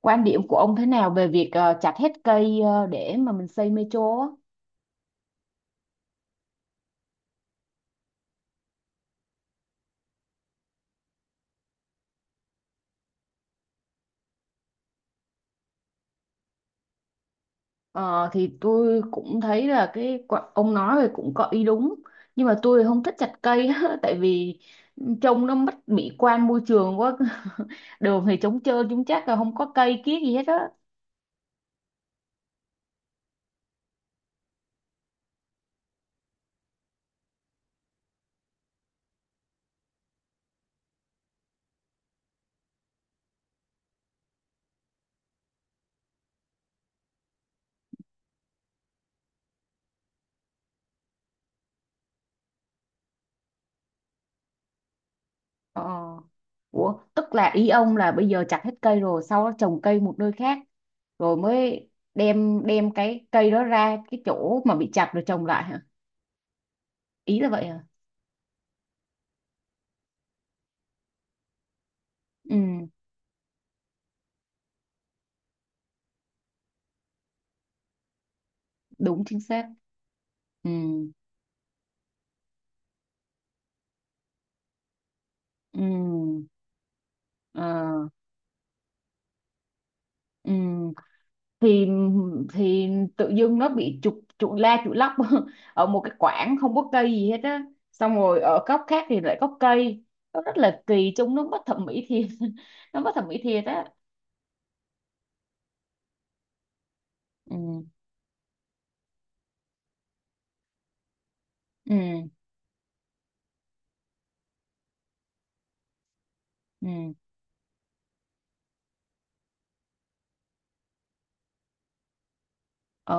Quan điểm của ông thế nào về việc chặt hết cây để mà mình xây metro á? Ờ, thì tôi cũng thấy là ông nói thì cũng có ý đúng, nhưng mà tôi không thích chặt cây á, tại vì trông nó mất mỹ quan môi trường quá đường thì trống trơn, chúng chắc là không có cây kiết gì hết á. Ờ. Ủa, tức là ý ông là bây giờ chặt hết cây rồi sau đó trồng cây một nơi khác rồi mới đem đem cái cây đó ra cái chỗ mà bị chặt rồi trồng lại hả? Ý là vậy hả? Ừ, đúng chính xác. Ừ. Ừ. Ờ. Ừ, thì thì tự dưng nó bị trục trục la trục lắc ở một cái quảng không có cây gì hết á, xong rồi ở góc khác thì lại có cây, nó rất là kỳ, trông nó bất thẩm mỹ thiệt nó bất thẩm mỹ thiệt á. Ừ. Ừ. Ừ. Ờ,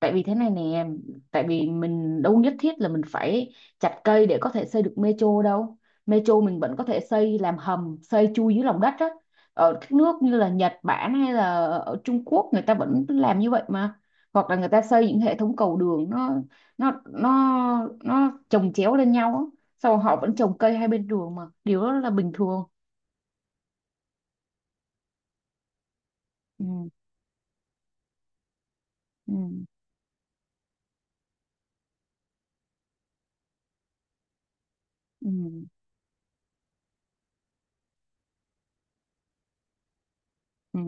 tại vì thế này nè, tại vì mình đâu nhất thiết là mình phải chặt cây để có thể xây được metro đâu. Metro mình vẫn có thể xây làm hầm, xây chui dưới lòng đất á. Ở các nước như là Nhật Bản hay là ở Trung Quốc người ta vẫn làm như vậy mà. Hoặc là người ta xây những hệ thống cầu đường, nó chồng chéo lên nhau á, sau họ vẫn trồng cây hai bên đường mà, điều đó là bình thường. Ừ. Ừ. Ừ. Ừ.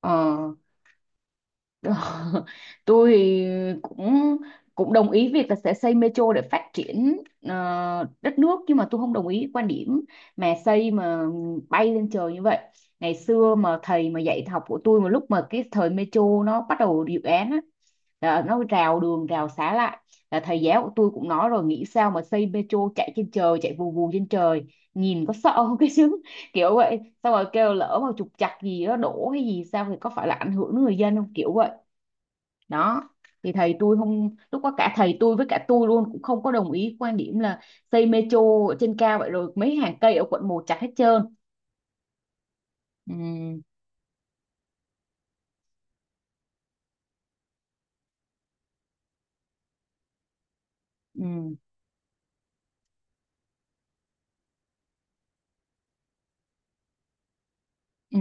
Ờ. Ờ, tôi thì cũng cũng đồng ý việc là sẽ xây metro để phát triển đất nước, nhưng mà tôi không đồng ý quan điểm mà xây mà bay lên trời như vậy. Ngày xưa mà thầy mà dạy học của tôi, mà lúc mà cái thời metro nó bắt đầu dự án á, là nó rào đường rào xá lại, là thầy giáo của tôi cũng nói rồi, nghĩ sao mà xây metro chạy trên trời, chạy vù vù trên trời, nhìn có sợ không? Cái chứ, kiểu vậy, xong rồi kêu lỡ mà trục trặc gì đó đổ hay gì sao thì có phải là ảnh hưởng đến người dân không, kiểu vậy. Đó, thì thầy tôi không, lúc đó cả thầy tôi với cả tôi luôn cũng không có đồng ý quan điểm là xây metro ở trên cao vậy, rồi mấy hàng cây ở quận một chặt hết trơn. Ừ. Ừ. Ừ.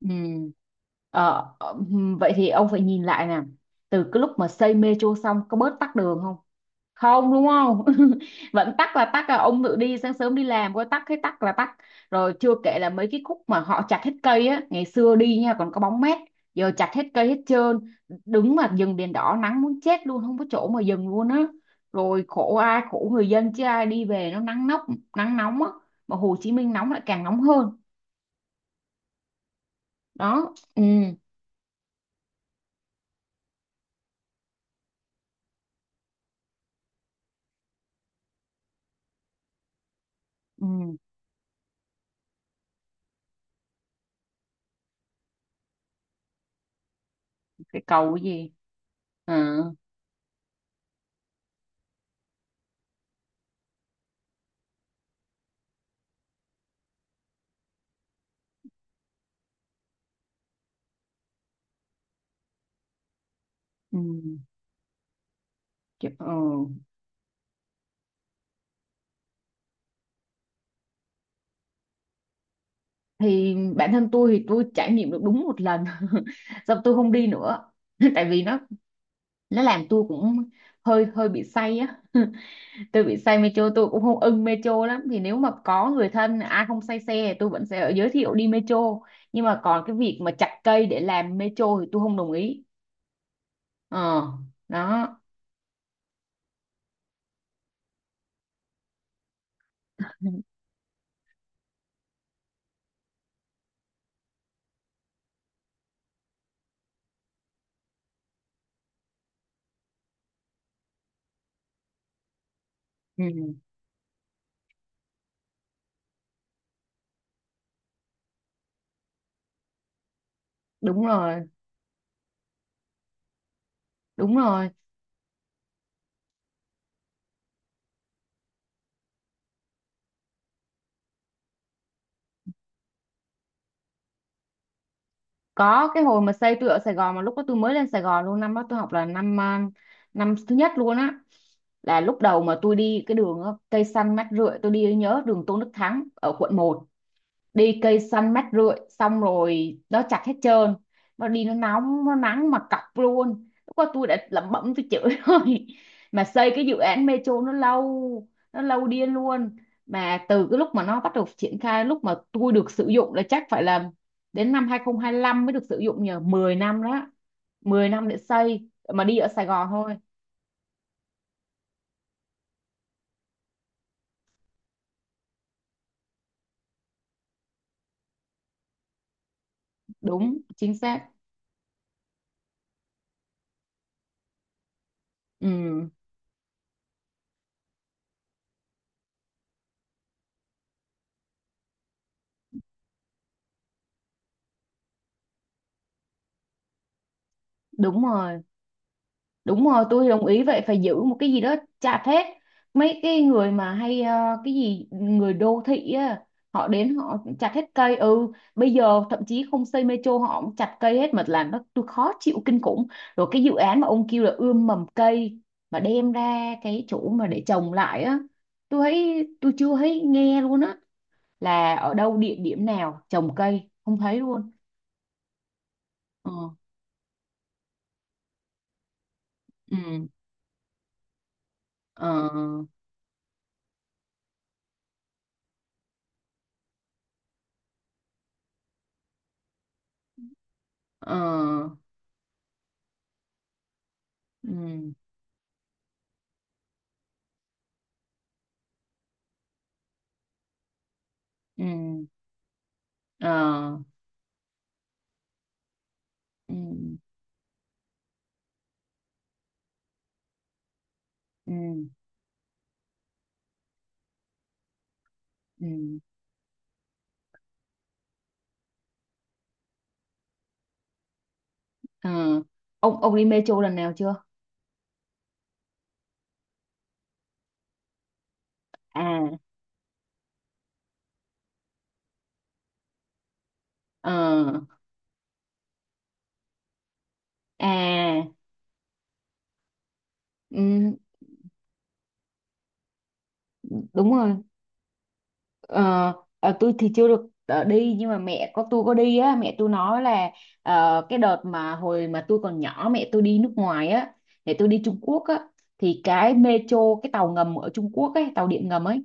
Ừ. Ờ, ờ, vậy thì ông phải nhìn lại nè, từ cái lúc mà xây metro xong có bớt tắc đường không? Không, đúng không? Vẫn tắc là tắc, là ông tự đi sáng sớm đi làm có tắc hết? Tắc là tắc. Rồi chưa kể là mấy cái khúc mà họ chặt hết cây á, ngày xưa đi nha còn có bóng mát, giờ chặt hết cây hết trơn, đứng mà dừng đèn đỏ nắng muốn chết luôn, không có chỗ mà dừng luôn á. Rồi khổ, ai khổ? Người dân chứ ai, đi về nó nắng nóng, nắng nóng á, mà Hồ Chí Minh nóng lại càng nóng hơn. Đó. Ừ. Ừ. Cái cầu cái gì. À. Ừ. Kiểu. Ờ. Thì bản thân tôi thì tôi trải nghiệm được đúng một lần xong tôi không đi nữa tại vì nó làm tôi cũng hơi hơi bị say á tôi bị say metro, tôi cũng không ưng metro lắm, thì nếu mà có người thân ai không say xe thì tôi vẫn sẽ giới thiệu đi metro, nhưng mà còn cái việc mà chặt cây để làm metro thì tôi không đồng ý. Ờ. Đó. Ừ, đúng rồi, đúng rồi, có cái hồi mà xây tôi ở Sài Gòn, mà lúc đó tôi mới lên Sài Gòn luôn, năm đó tôi học là năm à, năm thứ nhất luôn á, là lúc đầu mà tôi đi cái đường á, cây xanh mát rượi, tôi đi nhớ đường Tôn Đức Thắng ở quận một, đi cây xanh mát rượi, xong rồi nó chặt hết trơn, nó đi nó nóng nó nắng mà cọc luôn, lúc đó tôi đã lẩm bẩm tôi chửi rồi, mà xây cái dự án metro nó lâu, nó lâu điên luôn, mà từ cái lúc mà nó bắt đầu triển khai lúc mà tôi được sử dụng là chắc phải là đến năm 2025 mới được sử dụng, nhờ 10 năm đó, 10 năm để xây mà đi ở Sài Gòn thôi. Đúng chính xác. Ừ. Đúng rồi. Đúng rồi, tôi đồng ý, vậy phải giữ một cái gì đó, chặt hết. Mấy cái người mà hay cái gì, người đô thị á, họ đến họ chặt hết cây. Ừ, bây giờ thậm chí không xây metro họ cũng chặt cây hết, mà làm nó tôi khó chịu kinh khủng. Rồi cái dự án mà ông kêu là ươm mầm cây mà đem ra cái chỗ mà để trồng lại á, tôi thấy tôi chưa thấy nghe luôn á, là ở đâu địa điểm nào trồng cây không thấy luôn. Ờ. Ừ. Ờ. Ờ. Ừ. Ừ. Ờ. Ừ. Ừ. Ừ. Ờ, ông đi metro lần nào chưa? À. Ờ. À. Ừ, đúng rồi. Ờ. Ờ, tôi thì chưa được đi, nhưng mà mẹ có tôi có đi á, mẹ tôi nói là cái đợt mà hồi mà tôi còn nhỏ mẹ tôi đi nước ngoài á, mẹ tôi đi Trung Quốc á, thì cái metro, cái tàu ngầm ở Trung Quốc ấy, tàu điện ngầm ấy,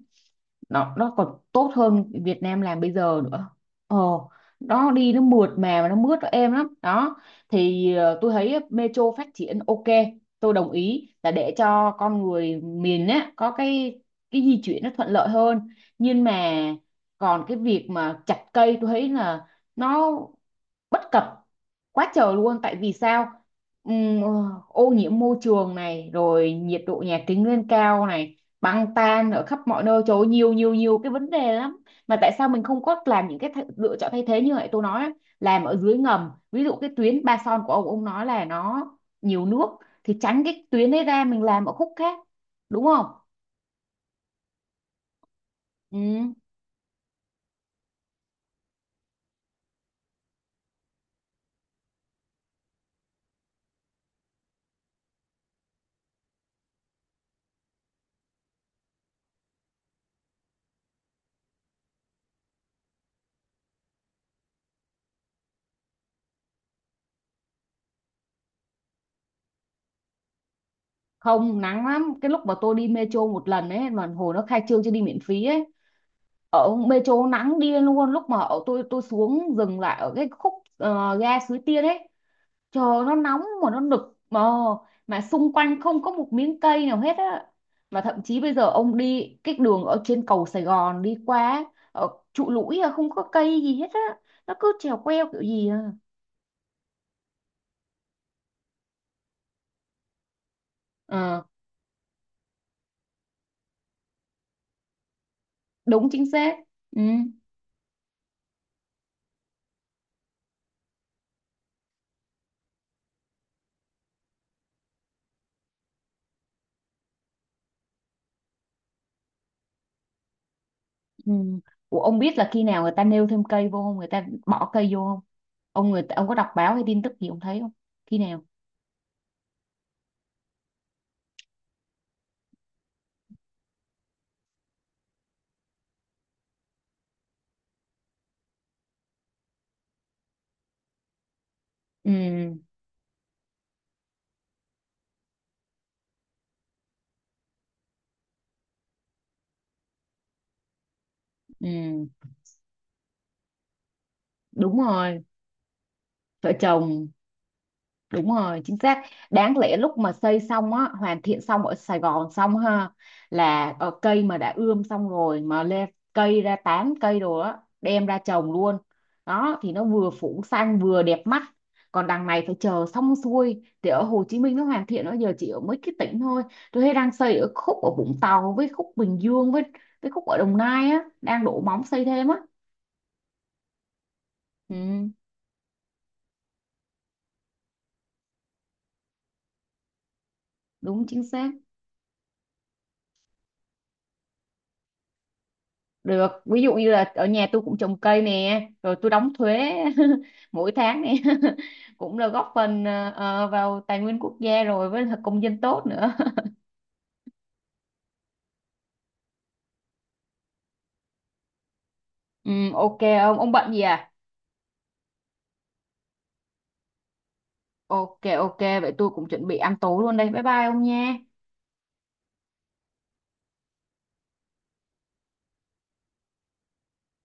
nó còn tốt hơn Việt Nam làm bây giờ nữa. Ờ, nó đi nó mượt mà và nó mướt, nó êm lắm đó. Thì tôi thấy metro phát triển ok, tôi đồng ý là để cho con người miền á có cái di chuyển nó thuận lợi hơn, nhưng mà còn cái việc mà chặt cây tôi thấy là nó bất cập quá trời luôn, tại vì sao? Ừm, ờ, ô nhiễm môi trường này, rồi nhiệt độ nhà kính lên cao này, băng tan ở khắp mọi nơi, trời ơi, nhiều nhiều nhiều cái vấn đề lắm, mà tại sao mình không có làm những cái lựa chọn thay thế như vậy, tôi nói á, làm ở dưới ngầm, ví dụ cái tuyến Ba Son của ông nói là nó nhiều nước thì tránh cái tuyến đấy ra, mình làm ở khúc khác, đúng không? Ừ. Không, nắng lắm, cái lúc mà tôi đi metro một lần ấy mà hồi nó khai trương cho đi miễn phí ấy, ở metro nắng điên luôn, lúc mà ở tôi xuống dừng lại ở cái khúc ga Suối Tiên ấy, trời ơi, nó nóng mà nó nực mà xung quanh không có một miếng cây nào hết á, mà thậm chí bây giờ ông đi cái đường ở trên cầu Sài Gòn đi qua, ở trụ lũi à, không có cây gì hết á, nó cứ trèo queo kiểu gì à. Ờ, đúng chính xác. Ừ. Ừ. Ủa, ông biết là khi nào người ta nêu thêm cây vô không, người ta bỏ cây vô không? Ông người ta, ông có đọc báo hay tin tức gì ông thấy không, khi nào? Ừ. Ừ, đúng rồi, vợ chồng, đúng rồi, chính xác. Đáng lẽ lúc mà xây xong á, hoàn thiện xong ở Sài Gòn xong ha, là cây mà đã ươm xong rồi mà lên cây ra tán cây rồi á, đem ra trồng luôn. Đó thì nó vừa phủ xanh vừa đẹp mắt. Còn đằng này phải chờ xong xuôi thì ở Hồ Chí Minh nó hoàn thiện nó giờ chỉ ở mấy cái tỉnh thôi. Tôi thấy đang xây ở khúc ở Vũng Tàu, với khúc Bình Dương, với khúc ở Đồng Nai á, đang đổ móng xây thêm á. Ừ, đúng chính xác. Được, ví dụ như là ở nhà tôi cũng trồng cây nè, rồi tôi đóng thuế mỗi tháng nè cũng là góp phần vào tài nguyên quốc gia rồi, với là công dân tốt nữa. Ừ, ok, ông bận gì à? Ok, ok, vậy tôi cũng chuẩn bị ăn tối luôn đây, bye bye ông nha.